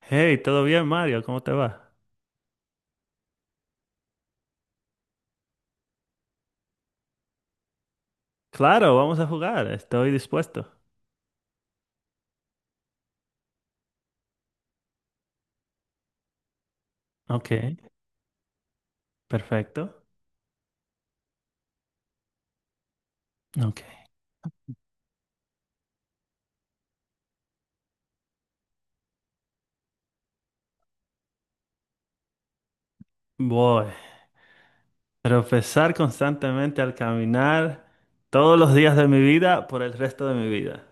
Hey, ¿todo bien, Mario? ¿Cómo te va? Claro, vamos a jugar. Estoy dispuesto. Ok, perfecto. Ok. Voy. Tropezar constantemente al caminar todos los días de mi vida por el resto de mi vida.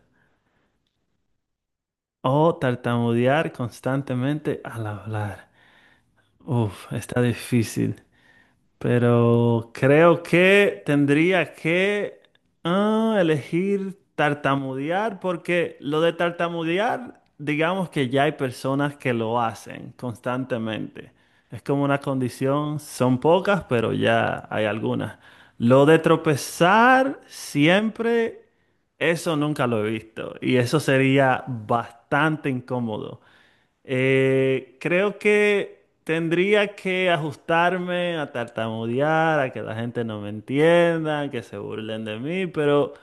O tartamudear constantemente al hablar. Uf, está difícil. Pero creo que tendría que elegir tartamudear, porque lo de tartamudear, digamos que ya hay personas que lo hacen constantemente. Es como una condición, son pocas, pero ya hay algunas. Lo de tropezar siempre, eso nunca lo he visto y eso sería bastante incómodo. Creo que tendría que ajustarme a tartamudear, a que la gente no me entienda, que se burlen de mí, pero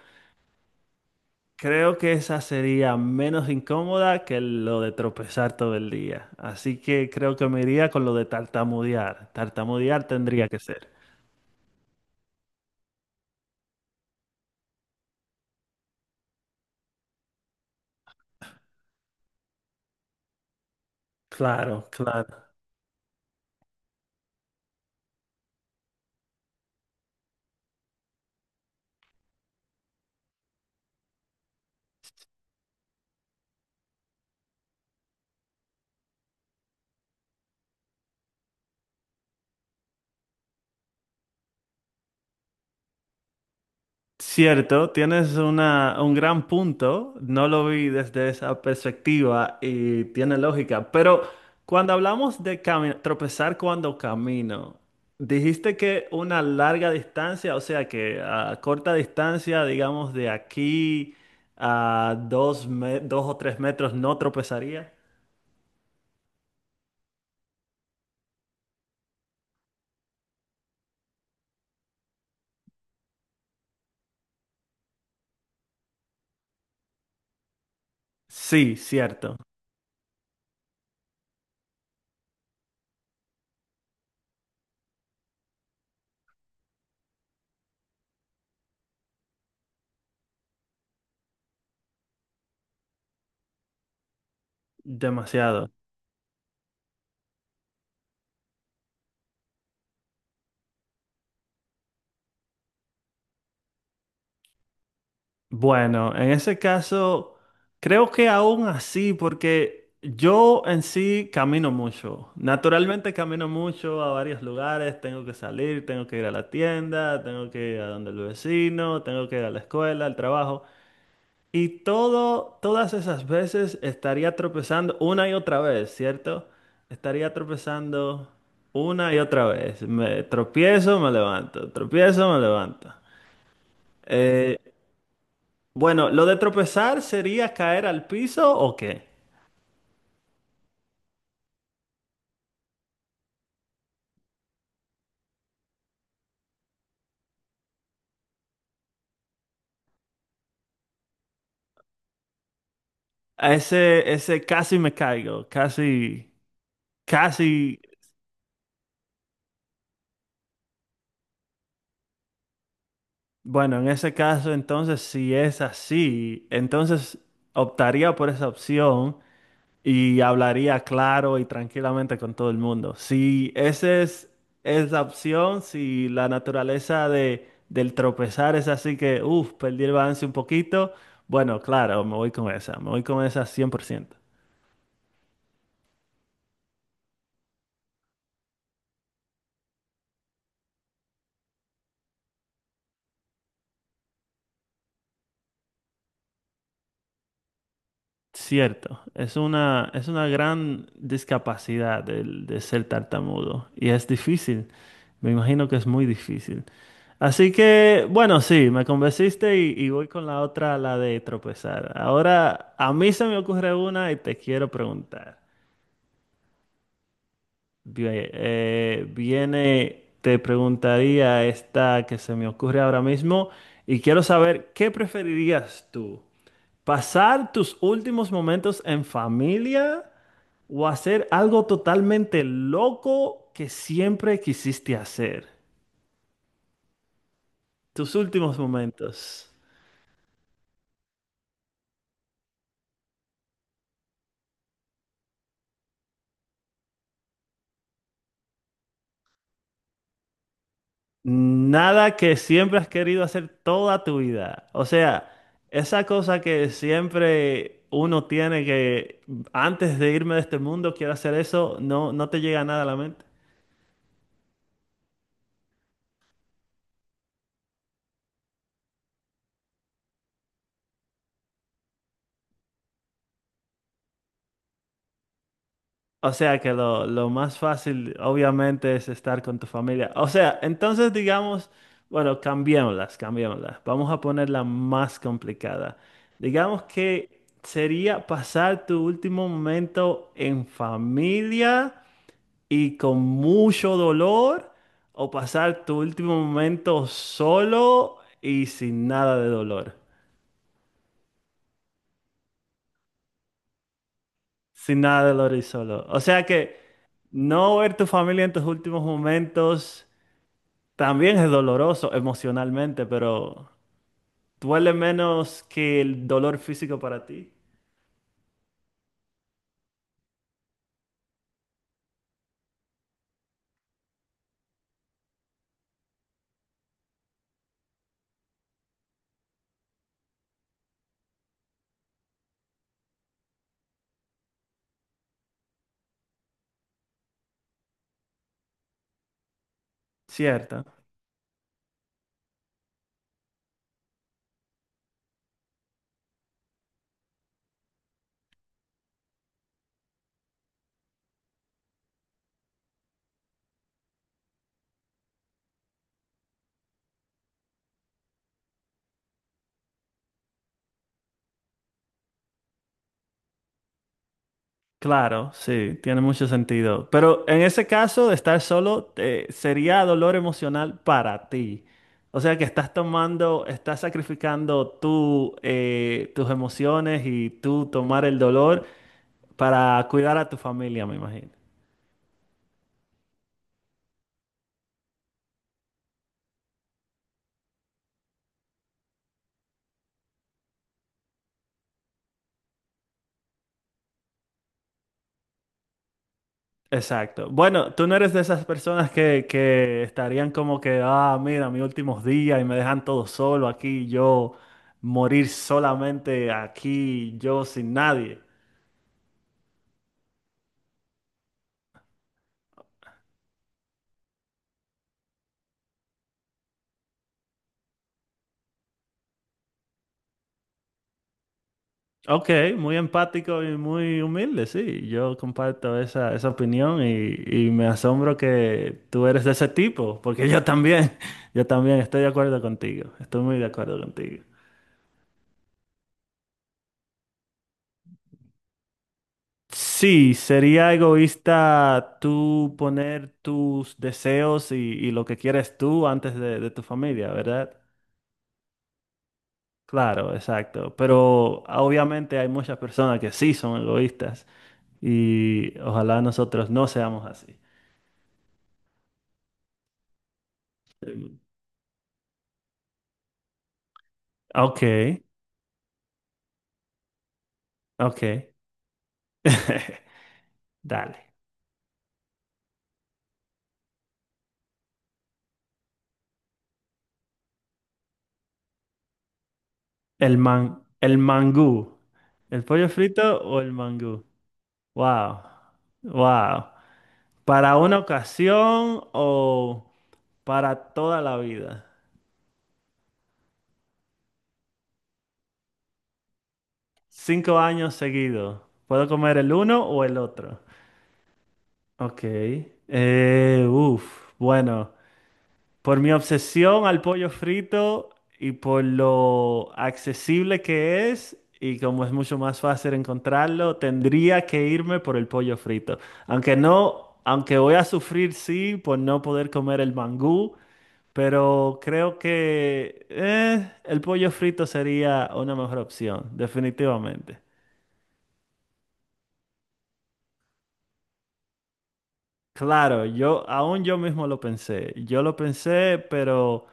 creo que esa sería menos incómoda que lo de tropezar todo el día. Así que creo que me iría con lo de tartamudear. Tartamudear tendría que ser. Claro, claro. Cierto, tienes una, un gran punto, no lo vi desde esa perspectiva y tiene lógica, pero cuando hablamos de tropezar cuando camino, dijiste que una larga distancia, o sea que a corta distancia, digamos de aquí a dos, 2 o 3 metros, no tropezaría. Sí, cierto, demasiado. Bueno, en ese caso, creo que aún así, porque yo en sí camino mucho. Naturalmente camino mucho a varios lugares, tengo que salir, tengo que ir a la tienda, tengo que ir a donde el vecino, tengo que ir a la escuela, al trabajo. Y todo, todas esas veces estaría tropezando una y otra vez, ¿cierto? Estaría tropezando una y otra vez. Me tropiezo, me levanto, tropiezo, me levanto. Eh, bueno, ¿lo de tropezar sería caer al piso o qué? A ese, ese casi me caigo, casi, casi, bueno, en ese caso entonces si es así, entonces optaría por esa opción y hablaría claro y tranquilamente con todo el mundo. Si esa es la opción, si la naturaleza de, del tropezar es así que, uff, perdí el balance un poquito, bueno, claro, me voy con esa, me voy con esa 100%. Cierto, es una gran discapacidad el de ser tartamudo y es difícil, me imagino que es muy difícil. Así que, bueno, sí, me convenciste y voy con la otra, la de tropezar. Ahora, a mí se me ocurre una y te quiero preguntar. Te preguntaría esta que se me ocurre ahora mismo y quiero saber, ¿qué preferirías tú? Pasar tus últimos momentos en familia o hacer algo totalmente loco que siempre quisiste hacer. Tus últimos momentos. Nada que siempre has querido hacer toda tu vida. O sea, esa cosa que siempre uno tiene que antes de irme de este mundo quiero hacer eso, no, no te llega nada a la mente. O sea que lo más fácil obviamente es estar con tu familia. O sea, entonces digamos, bueno, cambiémoslas, cambiémoslas. Vamos a ponerla más complicada. Digamos que sería pasar tu último momento en familia y con mucho dolor, o pasar tu último momento solo y sin nada de dolor. Sin nada de dolor y solo. O sea que no ver tu familia en tus últimos momentos. También es doloroso emocionalmente, pero duele menos que el dolor físico para ti. Cierto. Claro, sí, tiene mucho sentido. Pero en ese caso de estar solo, sería dolor emocional para ti. O sea que estás tomando, estás sacrificando tú, tus emociones y tú tomar el dolor para cuidar a tu familia, me imagino. Exacto. Bueno, tú no eres de esas personas que estarían como que, ah, mira, mis últimos días y me dejan todo solo aquí, yo morir solamente aquí, yo sin nadie. Ok, muy empático y muy humilde, sí. Yo comparto esa, esa opinión y me asombro que tú eres de ese tipo, porque yo también, yo también estoy de acuerdo contigo, estoy muy de acuerdo contigo. Sí, sería egoísta tú poner tus deseos y lo que quieres tú antes de tu familia, ¿verdad? Claro, exacto. Pero obviamente hay muchas personas que sí son egoístas y ojalá nosotros no seamos así. Mm. Ok, ok. Dale. El el mangú. ¿El pollo frito o el mangú? Wow, wow. ¿Para una ocasión o para toda la vida? 5 años seguidos. ¿Puedo comer el uno o el otro? Ok. Uf, bueno, por mi obsesión al pollo frito y por lo accesible que es, y como es mucho más fácil encontrarlo, tendría que irme por el pollo frito. Aunque no, aunque voy a sufrir, sí, por no poder comer el mangú, pero creo que el pollo frito sería una mejor opción, definitivamente. Claro, yo aún yo mismo lo pensé. Yo lo pensé, pero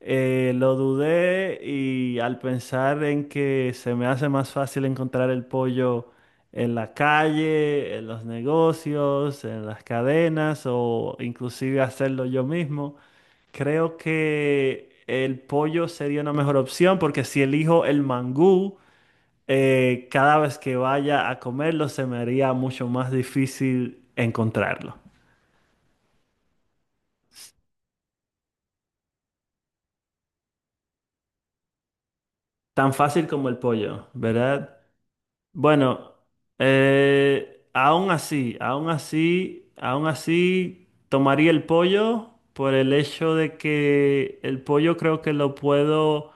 lo dudé, y al pensar en que se me hace más fácil encontrar el pollo en la calle, en los negocios, en las cadenas, o inclusive hacerlo yo mismo, creo que el pollo sería una mejor opción porque si elijo el mangú, cada vez que vaya a comerlo se me haría mucho más difícil encontrarlo. Tan fácil como el pollo, ¿verdad? Bueno, aún así, aún así, aún así, tomaría el pollo por el hecho de que el pollo creo que lo puedo,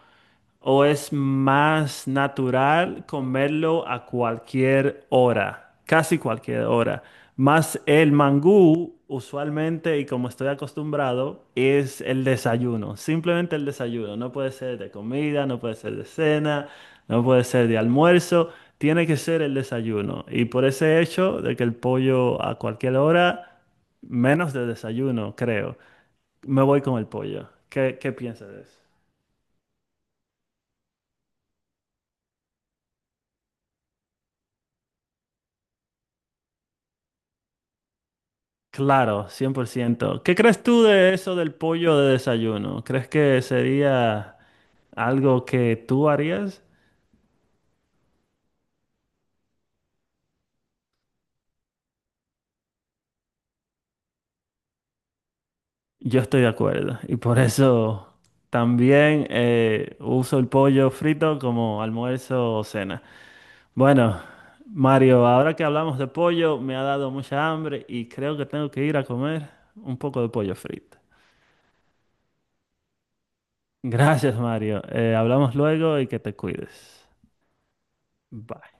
¿o es más natural comerlo a cualquier hora? Casi cualquier hora. Más el mangú, usualmente, y como estoy acostumbrado, es el desayuno. Simplemente el desayuno. No puede ser de comida, no puede ser de cena, no puede ser de almuerzo. Tiene que ser el desayuno. Y por ese hecho de que el pollo a cualquier hora, menos de desayuno, creo. Me voy con el pollo. ¿Qué, qué piensas de eso? Claro, 100%. ¿Qué crees tú de eso del pollo de desayuno? ¿Crees que sería algo que tú harías? Yo estoy de acuerdo y por eso también uso el pollo frito como almuerzo o cena. Bueno, Mario, ahora que hablamos de pollo, me ha dado mucha hambre y creo que tengo que ir a comer un poco de pollo frito. Gracias, Mario. Hablamos luego y que te cuides. Bye.